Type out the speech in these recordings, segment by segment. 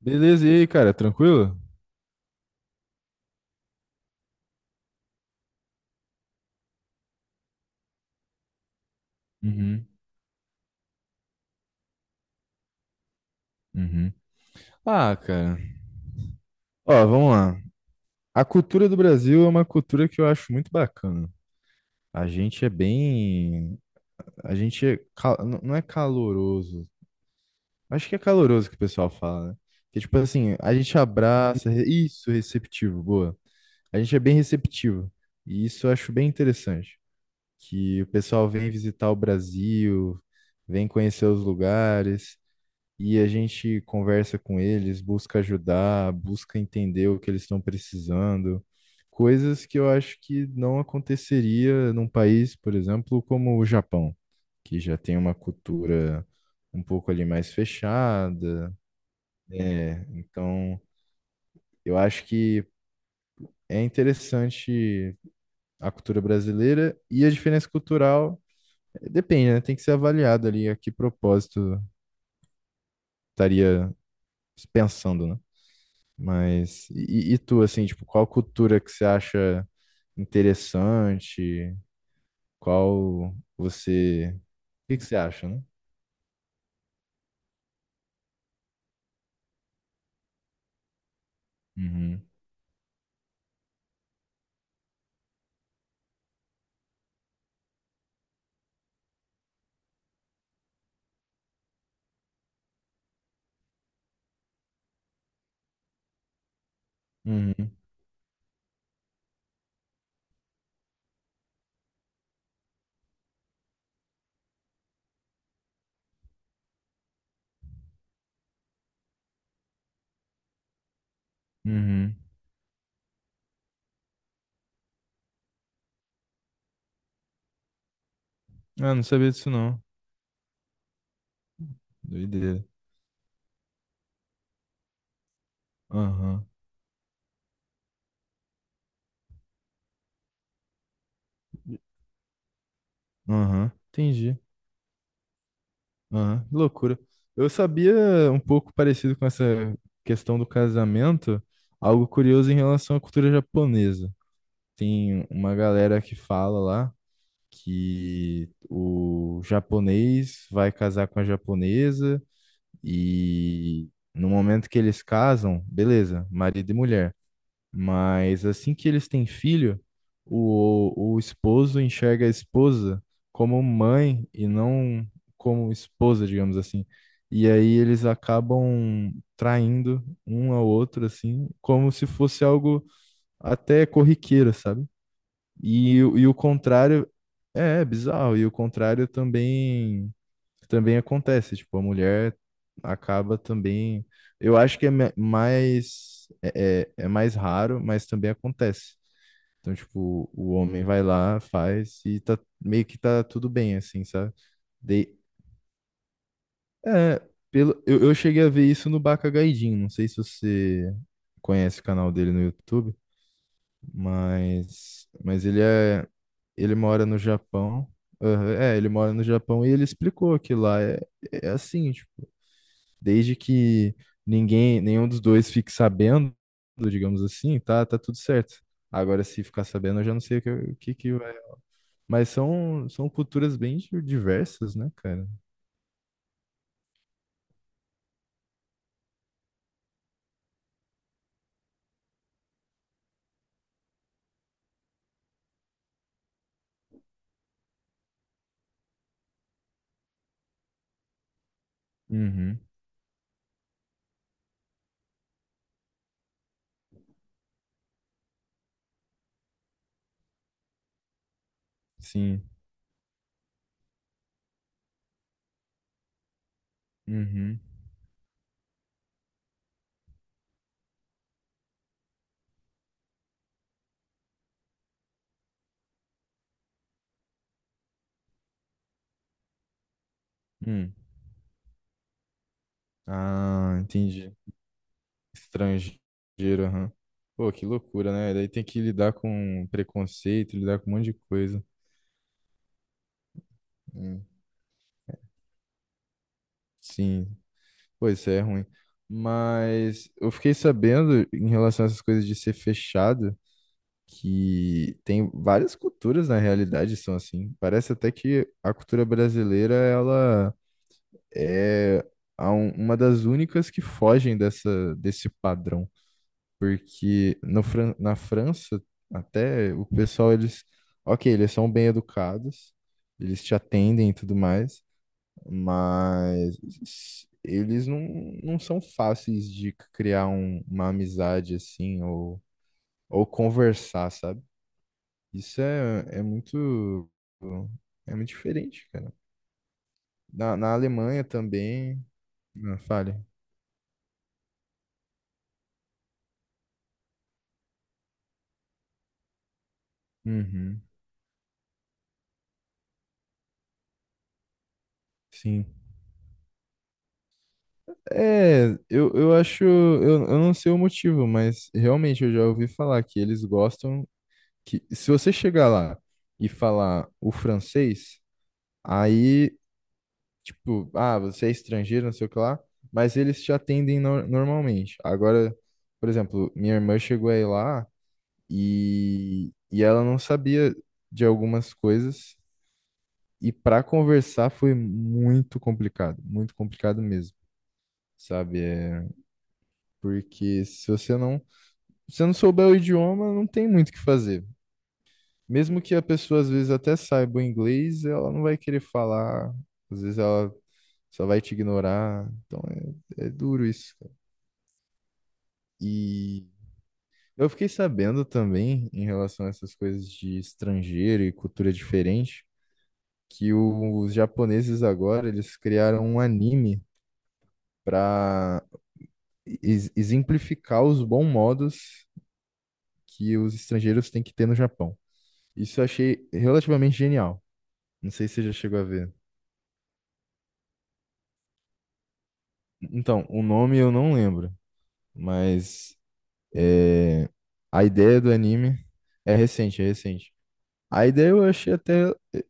Beleza, e aí, cara, tranquilo? Uhum, uhum. Ah, cara. Ó, vamos lá. A cultura do Brasil é uma cultura que eu acho muito bacana. A gente é bem. A gente é não é caloroso. Acho que é caloroso que o pessoal fala, né? Que tipo assim, a gente abraça. Isso, receptivo, boa. A gente é bem receptivo. E isso eu acho bem interessante. Que o pessoal vem visitar o Brasil, vem conhecer os lugares. E a gente conversa com eles, busca ajudar, busca entender o que eles estão precisando, coisas que eu acho que não aconteceria num país, por exemplo, como o Japão, que já tem uma cultura um pouco ali mais fechada. É, então eu acho que é interessante a cultura brasileira e a diferença cultural depende, né? Tem que ser avaliado ali a que propósito estaria pensando, né? Mas e tu, assim, tipo, qual cultura que você acha interessante? Qual você. O que que você acha, né? Uhum. Uhum. Uhum. Ah, não sabia disso não. Doideira. Aham. Aham. Entendi. Aham. Que loucura. Eu sabia um pouco parecido com essa questão do casamento, algo curioso em relação à cultura japonesa. Tem uma galera que fala lá que o japonês vai casar com a japonesa e no momento que eles casam, beleza, marido e mulher. Mas assim que eles têm filho, o esposo enxerga a esposa como mãe e não como esposa, digamos assim. E aí eles acabam traindo um ao outro, assim, como se fosse algo até corriqueiro, sabe? E, e o contrário é é bizarro, e o contrário também também acontece, tipo, a mulher acaba também, eu acho que é mais é, é mais raro, mas também acontece. Então, tipo, o homem vai lá, faz e tá meio que tudo bem, assim, sabe? Dei, é, pelo, eu cheguei a ver isso no Bacagaidinho, não sei se você conhece o canal dele no YouTube. Mas ele é, ele mora no Japão. Aham, é, ele mora no Japão e ele explicou que lá é, é assim, tipo, desde que ninguém, nenhum dos dois fique sabendo, digamos assim, tá, tá tudo certo. Agora, se ficar sabendo, eu já não sei o que que vai. Mas são, são culturas bem diversas, né, cara? Uhum, sim. Uhum. Hum. Ah, entendi. Estrangeiro, aham. Pô, que loucura, né? Daí tem que lidar com preconceito, lidar com um monte de coisa. Hum, Sim, pois isso é ruim. Mas eu fiquei sabendo, em relação a essas coisas de ser fechado, que tem várias culturas na realidade são assim. Parece até que a cultura brasileira, ela é a uma das únicas que fogem dessa, desse padrão. Porque no, na França, até o pessoal, eles, ok, eles são bem educados, eles te atendem e tudo mais, mas eles não, não são fáceis de criar uma amizade assim, ou conversar, sabe? Isso é, é muito diferente, cara. Na Alemanha também, ah, fale. Uhum, sim. É, eu acho, eu não sei o motivo, mas realmente eu já ouvi falar que eles gostam que se você chegar lá e falar o francês, aí, tipo, ah, você é estrangeiro, não sei o que lá, mas eles te atendem normalmente. Agora, por exemplo, minha irmã chegou aí lá e ela não sabia de algumas coisas e para conversar foi muito complicado mesmo, sabe? É, porque se você não. Se você não souber o idioma, não tem muito o que fazer. Mesmo que a pessoa às vezes até saiba o inglês, ela não vai querer falar, às vezes ela só vai te ignorar. Então é, é duro isso, cara. E eu fiquei sabendo também, em relação a essas coisas de estrangeiro e cultura diferente, que os japoneses agora eles criaram um anime para exemplificar os bons modos que os estrangeiros têm que ter no Japão. Isso eu achei relativamente genial. Não sei se você já chegou a ver. Então, o nome eu não lembro, mas é, a ideia do anime é recente, é recente. A ideia eu achei até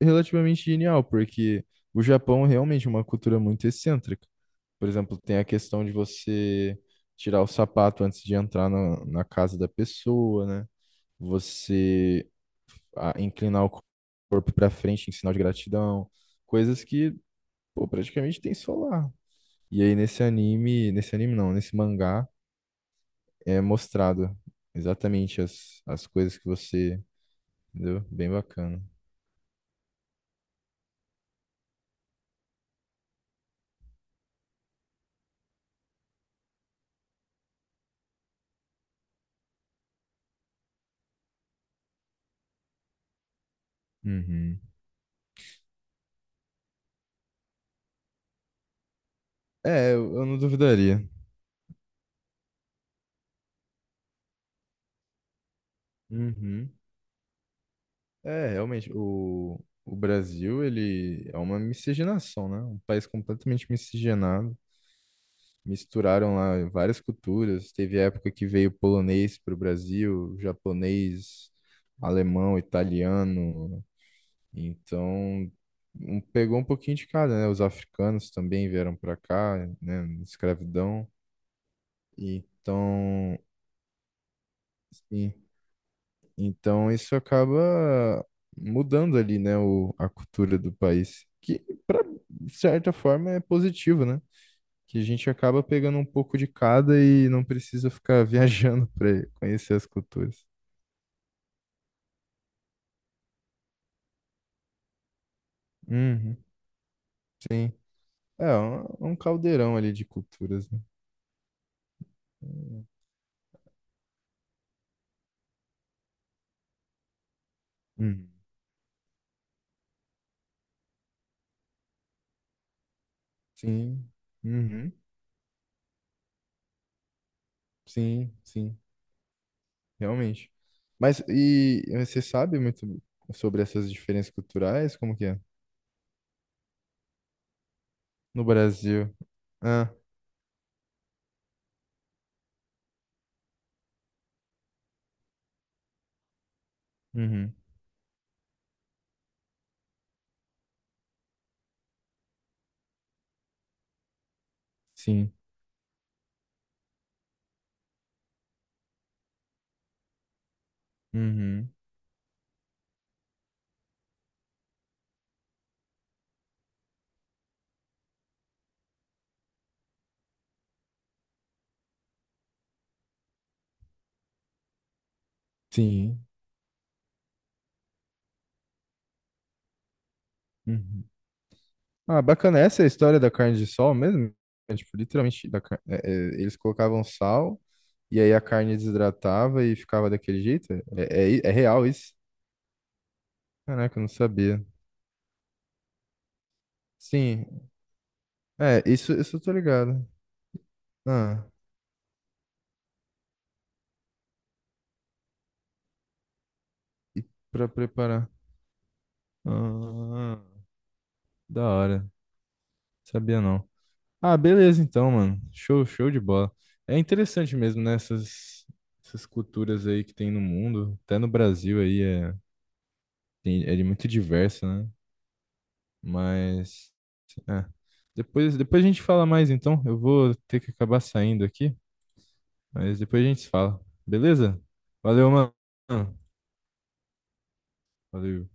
relativamente genial, porque o Japão é realmente uma cultura muito excêntrica. Por exemplo, tem a questão de você tirar o sapato antes de entrar na casa da pessoa, né? Você ah, inclinar o corpo para frente em sinal de gratidão, coisas que, pô, praticamente tem só lá. E aí nesse anime não, nesse mangá é mostrado exatamente as, as coisas que você, entendeu? Bem bacana. Uhum. É, eu não duvidaria. Uhum. É, realmente, o Brasil, ele é uma miscigenação, né? Um país completamente miscigenado. Misturaram lá várias culturas. Teve época que veio polonês para o Brasil, japonês, alemão, italiano. Então, pegou um pouquinho de cada, né? Os africanos também vieram para cá, né? Escravidão. Então, sim. Então, isso acaba mudando ali, né? O, a cultura do país, que de certa forma é positivo, né? Que a gente acaba pegando um pouco de cada e não precisa ficar viajando para conhecer as culturas. Uhum. É é um caldeirão ali de culturas, né? Uhum. Sim. Uhum. Sim, sim, realmente. Mas e você sabe muito sobre essas diferenças culturais? Como que é? No Brasil. Ah, uhum. Sim. Uhum. Sim. Uhum. Ah, bacana. Essa é a história da carne de sol mesmo? É, tipo, literalmente, da é, é, eles colocavam sal e aí a carne desidratava e ficava daquele jeito? É, é, é real isso? Caraca, eu não sabia. Sim. É, isso eu tô ligado. Ah, e pra preparar. Ah, da hora. Sabia não. Ah, beleza então, mano. Show, show de bola. É interessante mesmo, né? Essas, essas culturas aí que tem no mundo. Até no Brasil aí é, é de muito diverso, né? Mas. É. Depois, depois a gente fala mais então. Eu vou ter que acabar saindo aqui, mas depois a gente se fala. Beleza? Valeu, mano. Valeu.